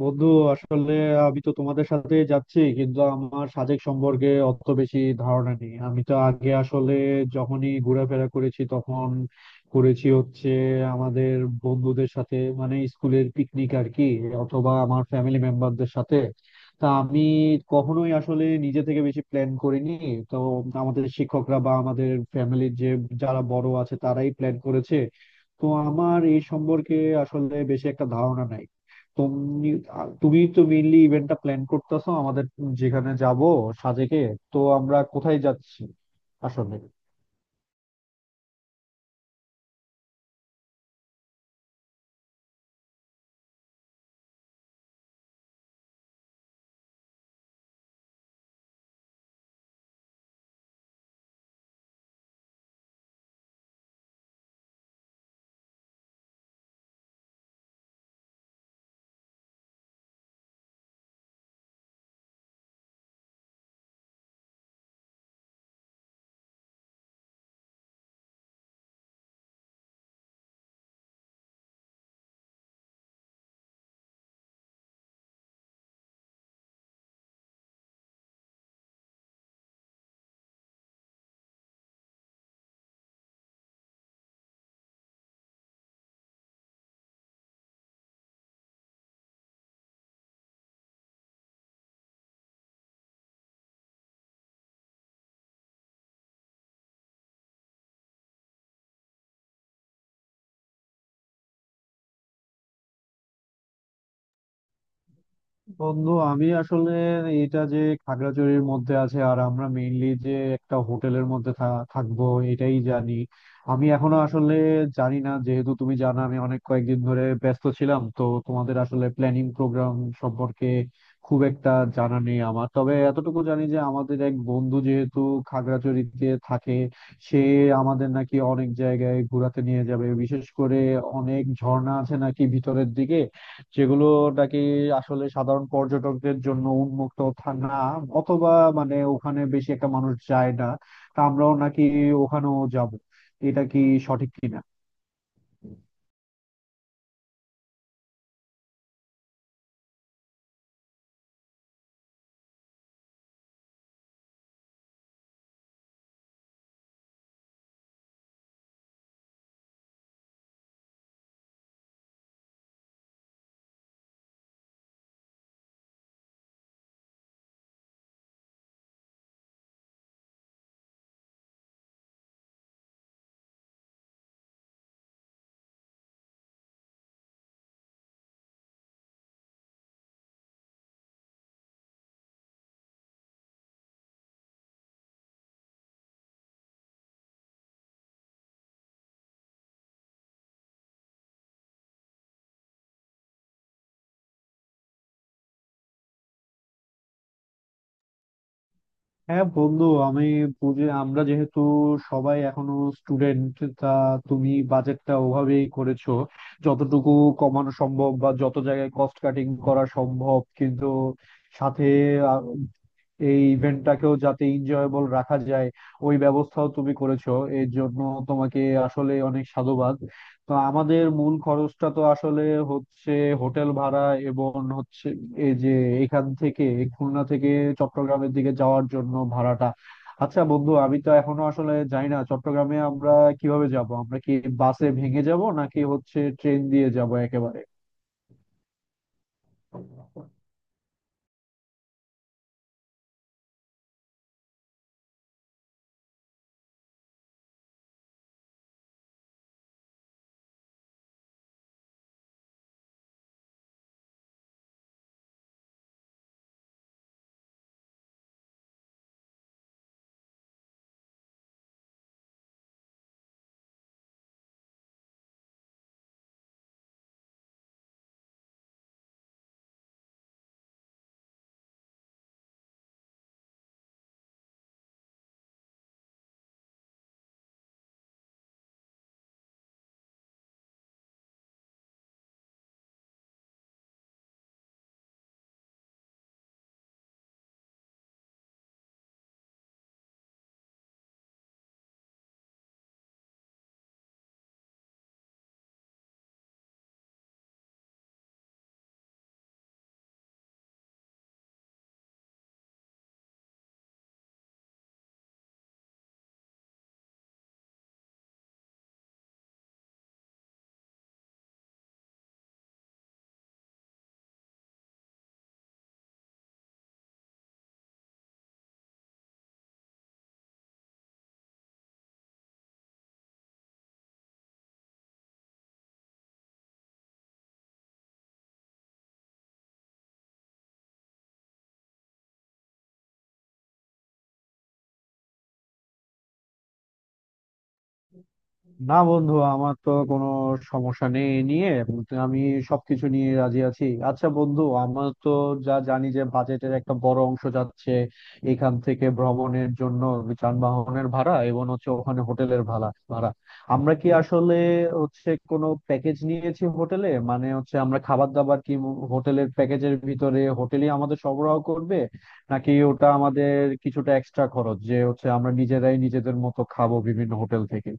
বন্ধু, আসলে আমি তো তোমাদের সাথে যাচ্ছি কিন্তু আমার সাজেক সম্পর্কে অত বেশি ধারণা নেই। আমি তো আগে আসলে যখনই ঘোরাফেরা করেছি তখন করেছি হচ্ছে আমাদের বন্ধুদের সাথে, মানে স্কুলের পিকনিক আর কি, অথবা আমার ফ্যামিলি মেম্বারদের সাথে। তা আমি কখনোই আসলে নিজে থেকে বেশি প্ল্যান করিনি। তো আমাদের শিক্ষকরা বা আমাদের ফ্যামিলির যে যারা বড় আছে তারাই প্ল্যান করেছে। তো আমার এই সম্পর্কে আসলে বেশি একটা ধারণা নাই। তুমি তুমি তো মেইনলি ইভেন্টটা প্ল্যান করতেছো আমাদের, যেখানে যাব, সাজেকে। তো আমরা কোথায় যাচ্ছি আসলে? বন্ধু, আমি আসলে এটা যে খাগড়াছড়ির মধ্যে আছে আর আমরা মেইনলি যে একটা হোটেলের মধ্যে থাকবো এটাই জানি। আমি এখনো আসলে জানি না, যেহেতু তুমি জানো আমি অনেক কয়েকদিন ধরে ব্যস্ত ছিলাম, তো তোমাদের আসলে প্ল্যানিং প্রোগ্রাম সম্পর্কে খুব একটা জানা নেই আমার। তবে এতটুকু জানি যে আমাদের এক বন্ধু যেহেতু খাগড়াছড়িতে থাকে, সে আমাদের নাকি অনেক জায়গায় ঘোরাতে নিয়ে যাবে, বিশেষ করে অনেক ঝর্ণা আছে নাকি ভিতরের দিকে, যেগুলো নাকি আসলে সাধারণ পর্যটকদের জন্য উন্মুক্ত না, অথবা মানে ওখানে বেশি একটা মানুষ যায় না। তা আমরাও নাকি ওখানেও যাব, এটা কি সঠিক কিনা? হ্যাঁ বন্ধু, আমি বুঝে আমরা যেহেতু সবাই এখনো স্টুডেন্ট, তা তুমি বাজেটটা ওভাবেই করেছো, যতটুকু কমানো সম্ভব বা যত জায়গায় কস্ট কাটিং করা সম্ভব, কিন্তু সাথে এই ইভেন্টটাকেও যাতে এনজয়েবল রাখা যায়, ওই ব্যবস্থাও তুমি করেছো। এর জন্য তোমাকে আসলে অনেক সাধুবাদ। তো আমাদের মূল খরচটা তো আসলে হচ্ছে হোটেল ভাড়া, এবং হচ্ছে এই যে এখান থেকে, খুলনা থেকে চট্টগ্রামের দিকে যাওয়ার জন্য ভাড়াটা। আচ্ছা বন্ধু, আমি তো এখনো আসলে জানি না চট্টগ্রামে আমরা কিভাবে যাব, আমরা কি বাসে ভেঙে যাব নাকি হচ্ছে ট্রেন দিয়ে যাব একেবারে? না বন্ধু, আমার তো কোনো সমস্যা নেই এ নিয়ে। আমি সবকিছু নিয়ে রাজি আছি। আচ্ছা বন্ধু, আমার তো যা জানি যে বাজেটের একটা বড় অংশ যাচ্ছে এখান থেকে ভ্রমণের জন্য, যানবাহনের ভাড়া এবং হচ্ছে ওখানে হোটেলের ভাড়া ভাড়া। আমরা কি আসলে হচ্ছে কোনো প্যাকেজ নিয়েছি হোটেলে, মানে হচ্ছে আমরা খাবার দাবার কি হোটেলের প্যাকেজের ভিতরে হোটেলই আমাদের সরবরাহ করবে, নাকি ওটা আমাদের কিছুটা এক্সট্রা খরচ যে হচ্ছে আমরা নিজেরাই নিজেদের মতো খাবো বিভিন্ন হোটেল থেকে?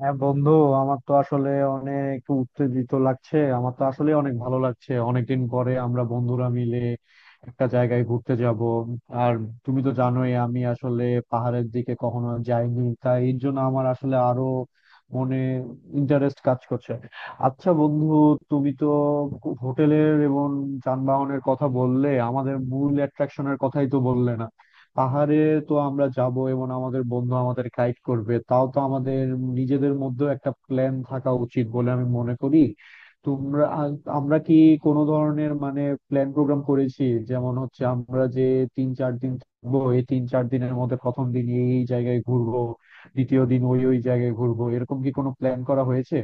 হ্যাঁ বন্ধু, আমার তো আসলে অনেক একটু উত্তেজিত লাগছে, আমার তো আসলে অনেক ভালো লাগছে অনেকদিন পরে আমরা বন্ধুরা মিলে একটা জায়গায় ঘুরতে যাব। আর তুমি তো জানোই আমি আসলে পাহাড়ের দিকে কখনো যাইনি, তাই এর জন্য আমার আসলে আরো মনে ইন্টারেস্ট কাজ করছে। আচ্ছা বন্ধু, তুমি তো হোটেলের এবং যানবাহনের কথা বললে, আমাদের মূল অ্যাট্রাকশনের কথাই তো বললে না। পাহাড়ে তো আমরা যাব এবং আমাদের বন্ধু আমাদের গাইড করবে, তাও তো আমাদের নিজেদের মধ্যেও একটা প্ল্যান থাকা উচিত বলে আমি মনে করি। তোমরা আ- আমরা কি কোনো ধরনের মানে প্ল্যান প্রোগ্রাম করেছি? যেমন হচ্ছে আমরা যে তিন চার দিন থাকবো, এই তিন চার দিনের মধ্যে প্রথম দিন এই এই জায়গায় ঘুরবো, দ্বিতীয় দিন ওই ওই জায়গায় ঘুরবো, এরকম কি কোনো প্ল্যান করা হয়েছে?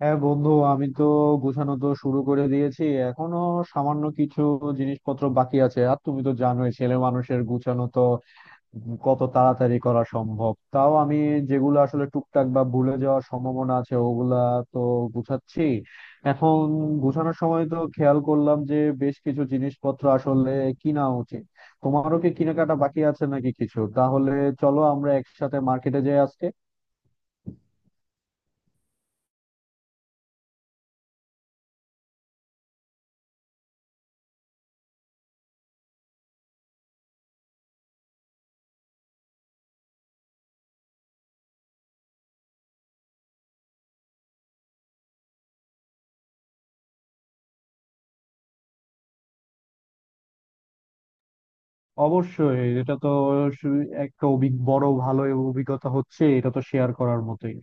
হ্যাঁ বন্ধু, আমি তো গোছানো তো শুরু করে দিয়েছি, এখনো সামান্য কিছু জিনিসপত্র বাকি আছে। আর তুমি তো জানোই ছেলে মানুষের গুছানো তো কত তাড়াতাড়ি করা সম্ভব, তাও আমি যেগুলো আসলে টুকটাক বা ভুলে যাওয়ার সম্ভাবনা আছে ওগুলা তো গুছাচ্ছি এখন। গুছানোর সময় তো খেয়াল করলাম যে বেশ কিছু জিনিসপত্র আসলে কিনা উচিত। তোমারও কি কেনাকাটা বাকি আছে নাকি কিছু? তাহলে চলো আমরা একসাথে মার্কেটে যাই আজকে। অবশ্যই, এটা তো একটা অভিজ্ঞ বড় ভালো অভিজ্ঞতা হচ্ছে, এটা তো শেয়ার করার মতোই।